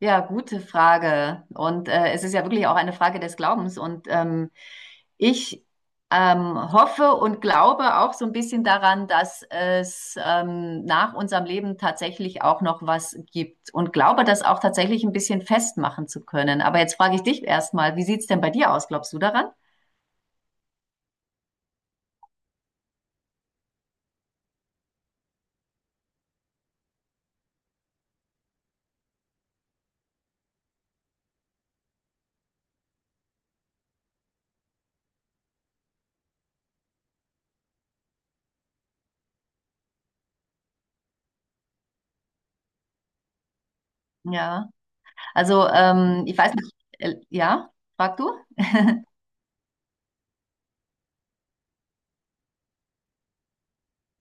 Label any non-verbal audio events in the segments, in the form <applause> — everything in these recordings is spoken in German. Ja, gute Frage. Und es ist ja wirklich auch eine Frage des Glaubens. Und ich hoffe und glaube auch so ein bisschen daran, dass es nach unserem Leben tatsächlich auch noch was gibt und glaube das auch tatsächlich ein bisschen festmachen zu können. Aber jetzt frage ich dich erstmal, wie sieht's denn bei dir aus? Glaubst du daran? Ja. Also ich weiß nicht, ja, frag du?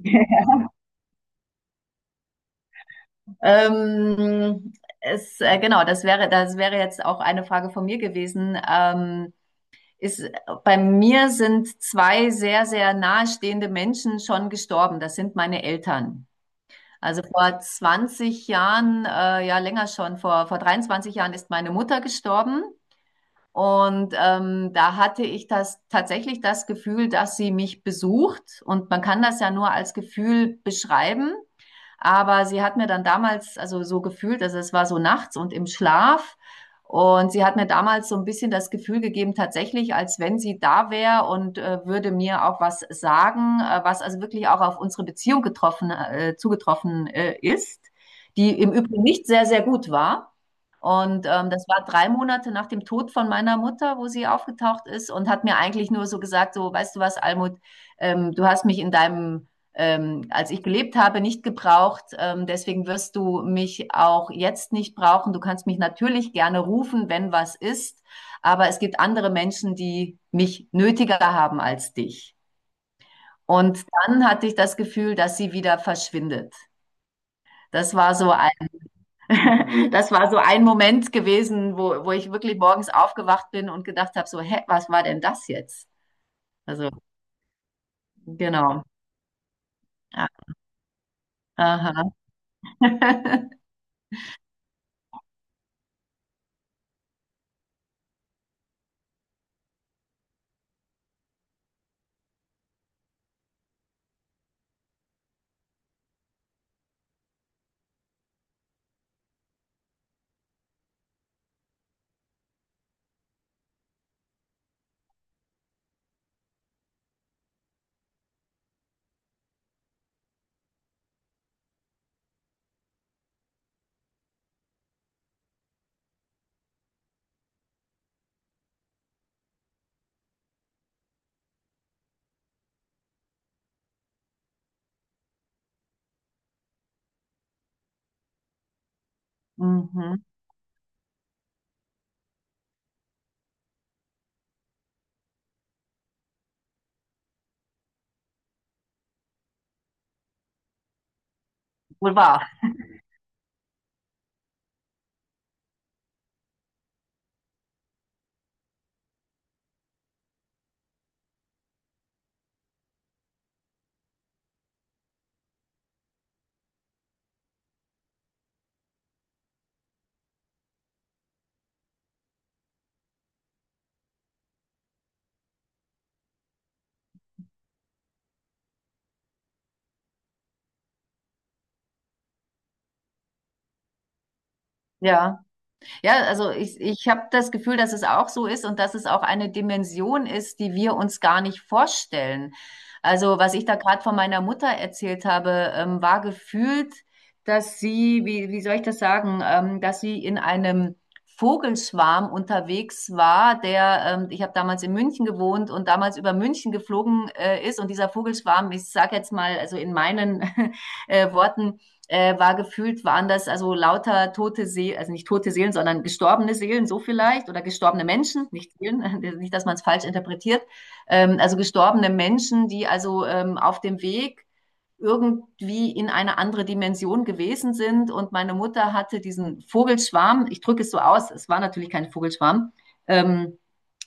<laughs> Ähm, genau, das wäre jetzt auch eine Frage von mir gewesen. Ist, Bei mir sind zwei sehr, sehr nahestehende Menschen schon gestorben. Das sind meine Eltern. Also vor 20 Jahren, ja länger schon, vor 23 Jahren ist meine Mutter gestorben. Und da hatte ich das tatsächlich das Gefühl, dass sie mich besucht. Und man kann das ja nur als Gefühl beschreiben. Aber sie hat mir dann damals, also so gefühlt, also es war so nachts und im Schlaf. Und sie hat mir damals so ein bisschen das Gefühl gegeben, tatsächlich, als wenn sie da wäre und würde mir auch was sagen, was also wirklich auch auf unsere Beziehung zugetroffen ist, die im Übrigen nicht sehr, sehr gut war. Und das war drei Monate nach dem Tod von meiner Mutter, wo sie aufgetaucht ist und hat mir eigentlich nur so gesagt, so, weißt du was, Almut, du hast mich in deinem, als ich gelebt habe, nicht gebraucht. Deswegen wirst du mich auch jetzt nicht brauchen. Du kannst mich natürlich gerne rufen, wenn was ist. Aber es gibt andere Menschen, die mich nötiger haben als dich. Und dann hatte ich das Gefühl, dass sie wieder verschwindet. Das war so ein <laughs> Das war so ein Moment gewesen, wo ich wirklich morgens aufgewacht bin und gedacht habe, so, hä, was war denn das jetzt? Also, genau. Ja. Aha. <laughs> Mhm. Wohl wahr. Ja. Ja, also ich habe das Gefühl, dass es auch so ist und dass es auch eine Dimension ist, die wir uns gar nicht vorstellen. Also was ich da gerade von meiner Mutter erzählt habe, war gefühlt, dass sie, wie soll ich das sagen, dass sie in einem Vogelschwarm unterwegs war, ich habe damals in München gewohnt und damals über München geflogen ist und dieser Vogelschwarm, ich sage jetzt mal, also in meinen <laughs> Worten, war gefühlt, waren das also lauter tote Seelen, also nicht tote Seelen, sondern gestorbene Seelen, so vielleicht, oder gestorbene Menschen, nicht Seelen, <laughs> nicht, dass man es falsch interpretiert, also gestorbene Menschen, die also auf dem Weg irgendwie in eine andere Dimension gewesen sind. Und meine Mutter hatte diesen Vogelschwarm, ich drücke es so aus, es war natürlich kein Vogelschwarm, ähm,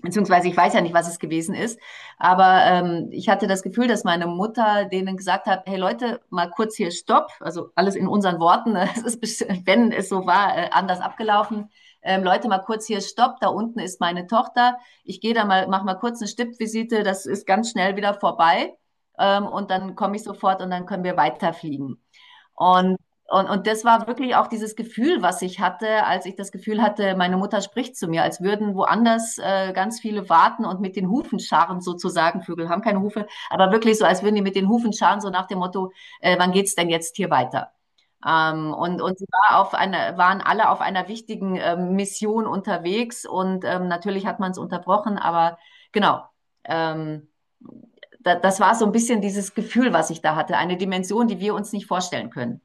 beziehungsweise ich weiß ja nicht, was es gewesen ist, aber ich hatte das Gefühl, dass meine Mutter denen gesagt hat, hey Leute, mal kurz hier Stopp. Also alles in unseren Worten, ne? <laughs> es ist, wenn es so war, anders abgelaufen. Leute, mal kurz hier Stopp, da unten ist meine Tochter. Ich gehe da mal, mach mal kurz eine Stippvisite, das ist ganz schnell wieder vorbei. Und dann komme ich sofort und dann können wir weiterfliegen. Und, und das war wirklich auch dieses Gefühl, was ich hatte, als ich das Gefühl hatte, meine Mutter spricht zu mir, als würden woanders ganz viele warten und mit den Hufen scharen sozusagen. Vögel haben keine Hufe, aber wirklich so, als würden die mit den Hufen scharen, so nach dem Motto, wann geht's denn jetzt hier weiter? Und sie war auf einer, waren alle auf einer wichtigen Mission unterwegs und natürlich hat man es unterbrochen, aber genau. Ähm, Das war so ein bisschen dieses Gefühl, was ich da hatte. Eine Dimension, die wir uns nicht vorstellen können.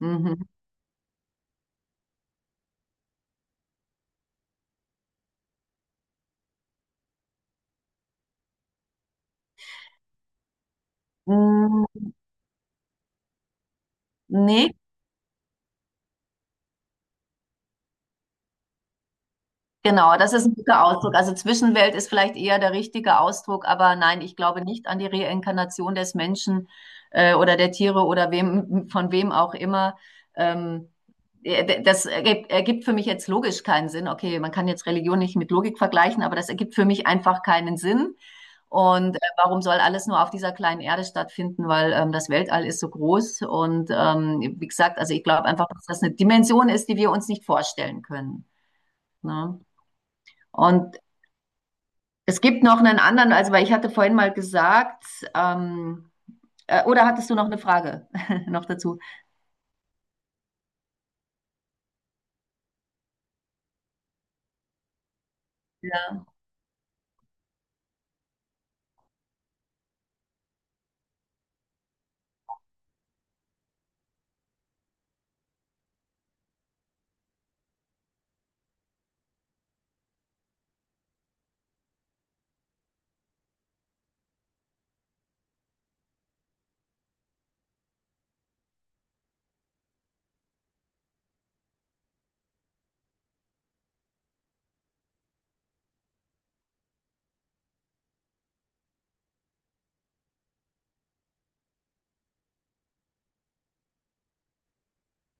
Mhm. Mm. Nee. Genau, das ist ein guter Ausdruck. Also Zwischenwelt ist vielleicht eher der richtige Ausdruck, aber nein, ich glaube nicht an die Reinkarnation des Menschen oder der Tiere oder wem, von wem auch immer. Ähm, das ergibt für mich jetzt logisch keinen Sinn. Okay, man kann jetzt Religion nicht mit Logik vergleichen, aber das ergibt für mich einfach keinen Sinn. Und warum soll alles nur auf dieser kleinen Erde stattfinden? Weil das Weltall ist so groß und wie gesagt, also ich glaube einfach, dass das eine Dimension ist, die wir uns nicht vorstellen können. Ne? Und es gibt noch einen anderen, also weil ich hatte vorhin mal gesagt, ähm, oder hattest du noch eine Frage <laughs> noch dazu? Ja.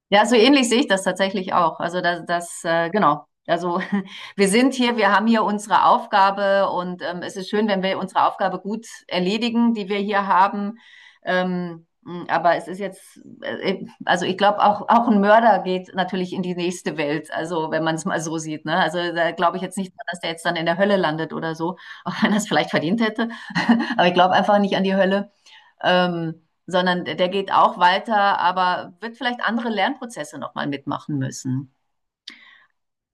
Ja, so ähnlich sehe ich das tatsächlich auch. Also das genau. Also <laughs> wir sind hier, wir haben hier unsere Aufgabe und es ist schön, wenn wir unsere Aufgabe gut erledigen, die wir hier haben. Aber es ist jetzt, also ich glaube, auch ein Mörder geht natürlich in die nächste Welt, also wenn man es mal so sieht. Ne? Also da glaube ich jetzt nicht, dran, dass der jetzt dann in der Hölle landet oder so, <laughs> auch wenn er es vielleicht verdient hätte. <laughs> Aber ich glaube einfach nicht an die Hölle, sondern der geht auch weiter, aber wird vielleicht andere Lernprozesse nochmal mitmachen müssen.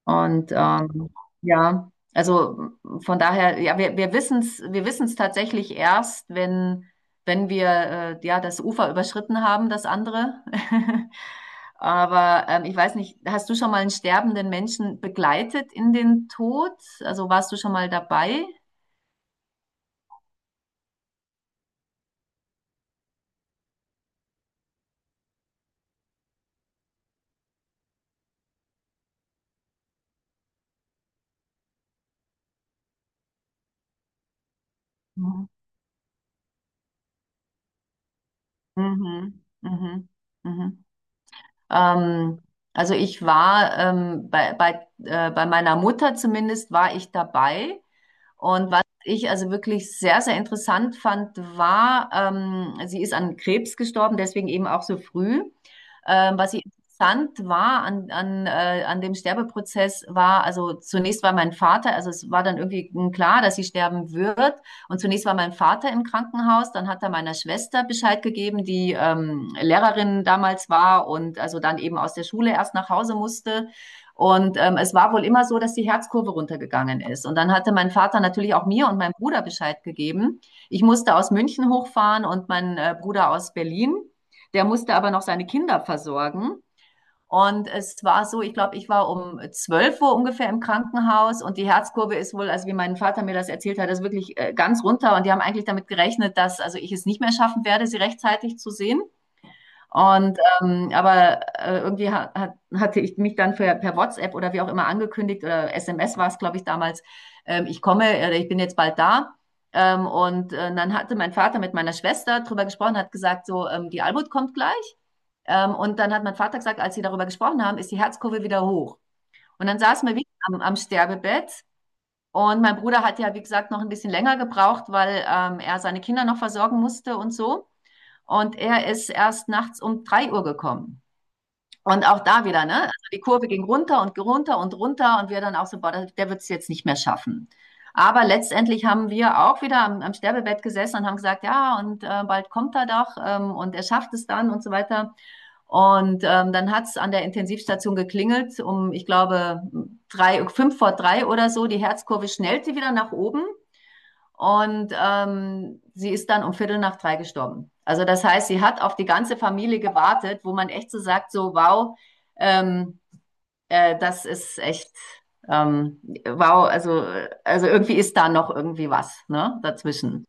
Und ja, also von daher, ja, wir wissen es tatsächlich erst, wenn, wenn wir ja das Ufer überschritten haben, das andere. <laughs> Aber ich weiß nicht, hast du schon mal einen sterbenden Menschen begleitet in den Tod? Also warst du schon mal dabei? Mhm. Mhm. Mhm. Mhm. Ähm, also ich war bei meiner Mutter zumindest war ich dabei. Und was ich also wirklich sehr, sehr interessant fand, war, sie ist an Krebs gestorben, deswegen eben auch so früh. Was ich interessant war an dem Sterbeprozess war, also zunächst war mein Vater, also es war dann irgendwie klar, dass sie sterben wird. Und zunächst war mein Vater im Krankenhaus, dann hat er meiner Schwester Bescheid gegeben, die Lehrerin damals war und also dann eben aus der Schule erst nach Hause musste. Und es war wohl immer so, dass die Herzkurve runtergegangen ist. Und dann hatte mein Vater natürlich auch mir und meinem Bruder Bescheid gegeben. Ich musste aus München hochfahren und mein Bruder aus Berlin. Der musste aber noch seine Kinder versorgen. Und es war so, ich glaube, ich war um 12 Uhr ungefähr im Krankenhaus und die Herzkurve ist wohl, also wie mein Vater mir das erzählt hat, ist wirklich ganz runter. Und die haben eigentlich damit gerechnet, dass also ich es nicht mehr schaffen werde, sie rechtzeitig zu sehen. Und irgendwie hatte ich mich dann für, per WhatsApp oder wie auch immer angekündigt oder SMS war es, glaube ich, damals, ich komme oder ich bin jetzt bald da. Dann hatte mein Vater mit meiner Schwester drüber gesprochen, hat gesagt, so, die Albut kommt gleich. Und dann hat mein Vater gesagt, als sie darüber gesprochen haben, ist die Herzkurve wieder hoch. Und dann saßen wir wieder am Sterbebett. Und mein Bruder hat ja, wie gesagt, noch ein bisschen länger gebraucht, weil er seine Kinder noch versorgen musste und so. Und er ist erst nachts um 3 Uhr gekommen. Und auch da wieder, ne? Also die Kurve ging runter und runter und runter und wir dann auch so, boah, der wird es jetzt nicht mehr schaffen. Aber letztendlich haben wir auch wieder am Sterbebett gesessen und haben gesagt, ja, und bald kommt er doch und er schafft es dann und so weiter. Und dann hat es an der Intensivstation geklingelt, um, ich glaube, drei, 5 vor 3 oder so. Die Herzkurve schnellte wieder nach oben. Und sie ist dann um Viertel nach 3 gestorben. Also das heißt, sie hat auf die ganze Familie gewartet, wo man echt so sagt, so wow, ähm, das ist echt ähm, wow, also irgendwie ist da noch irgendwie was, ne, dazwischen.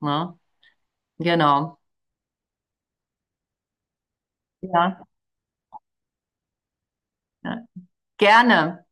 Ne? Genau. Ja. Ja. Gerne.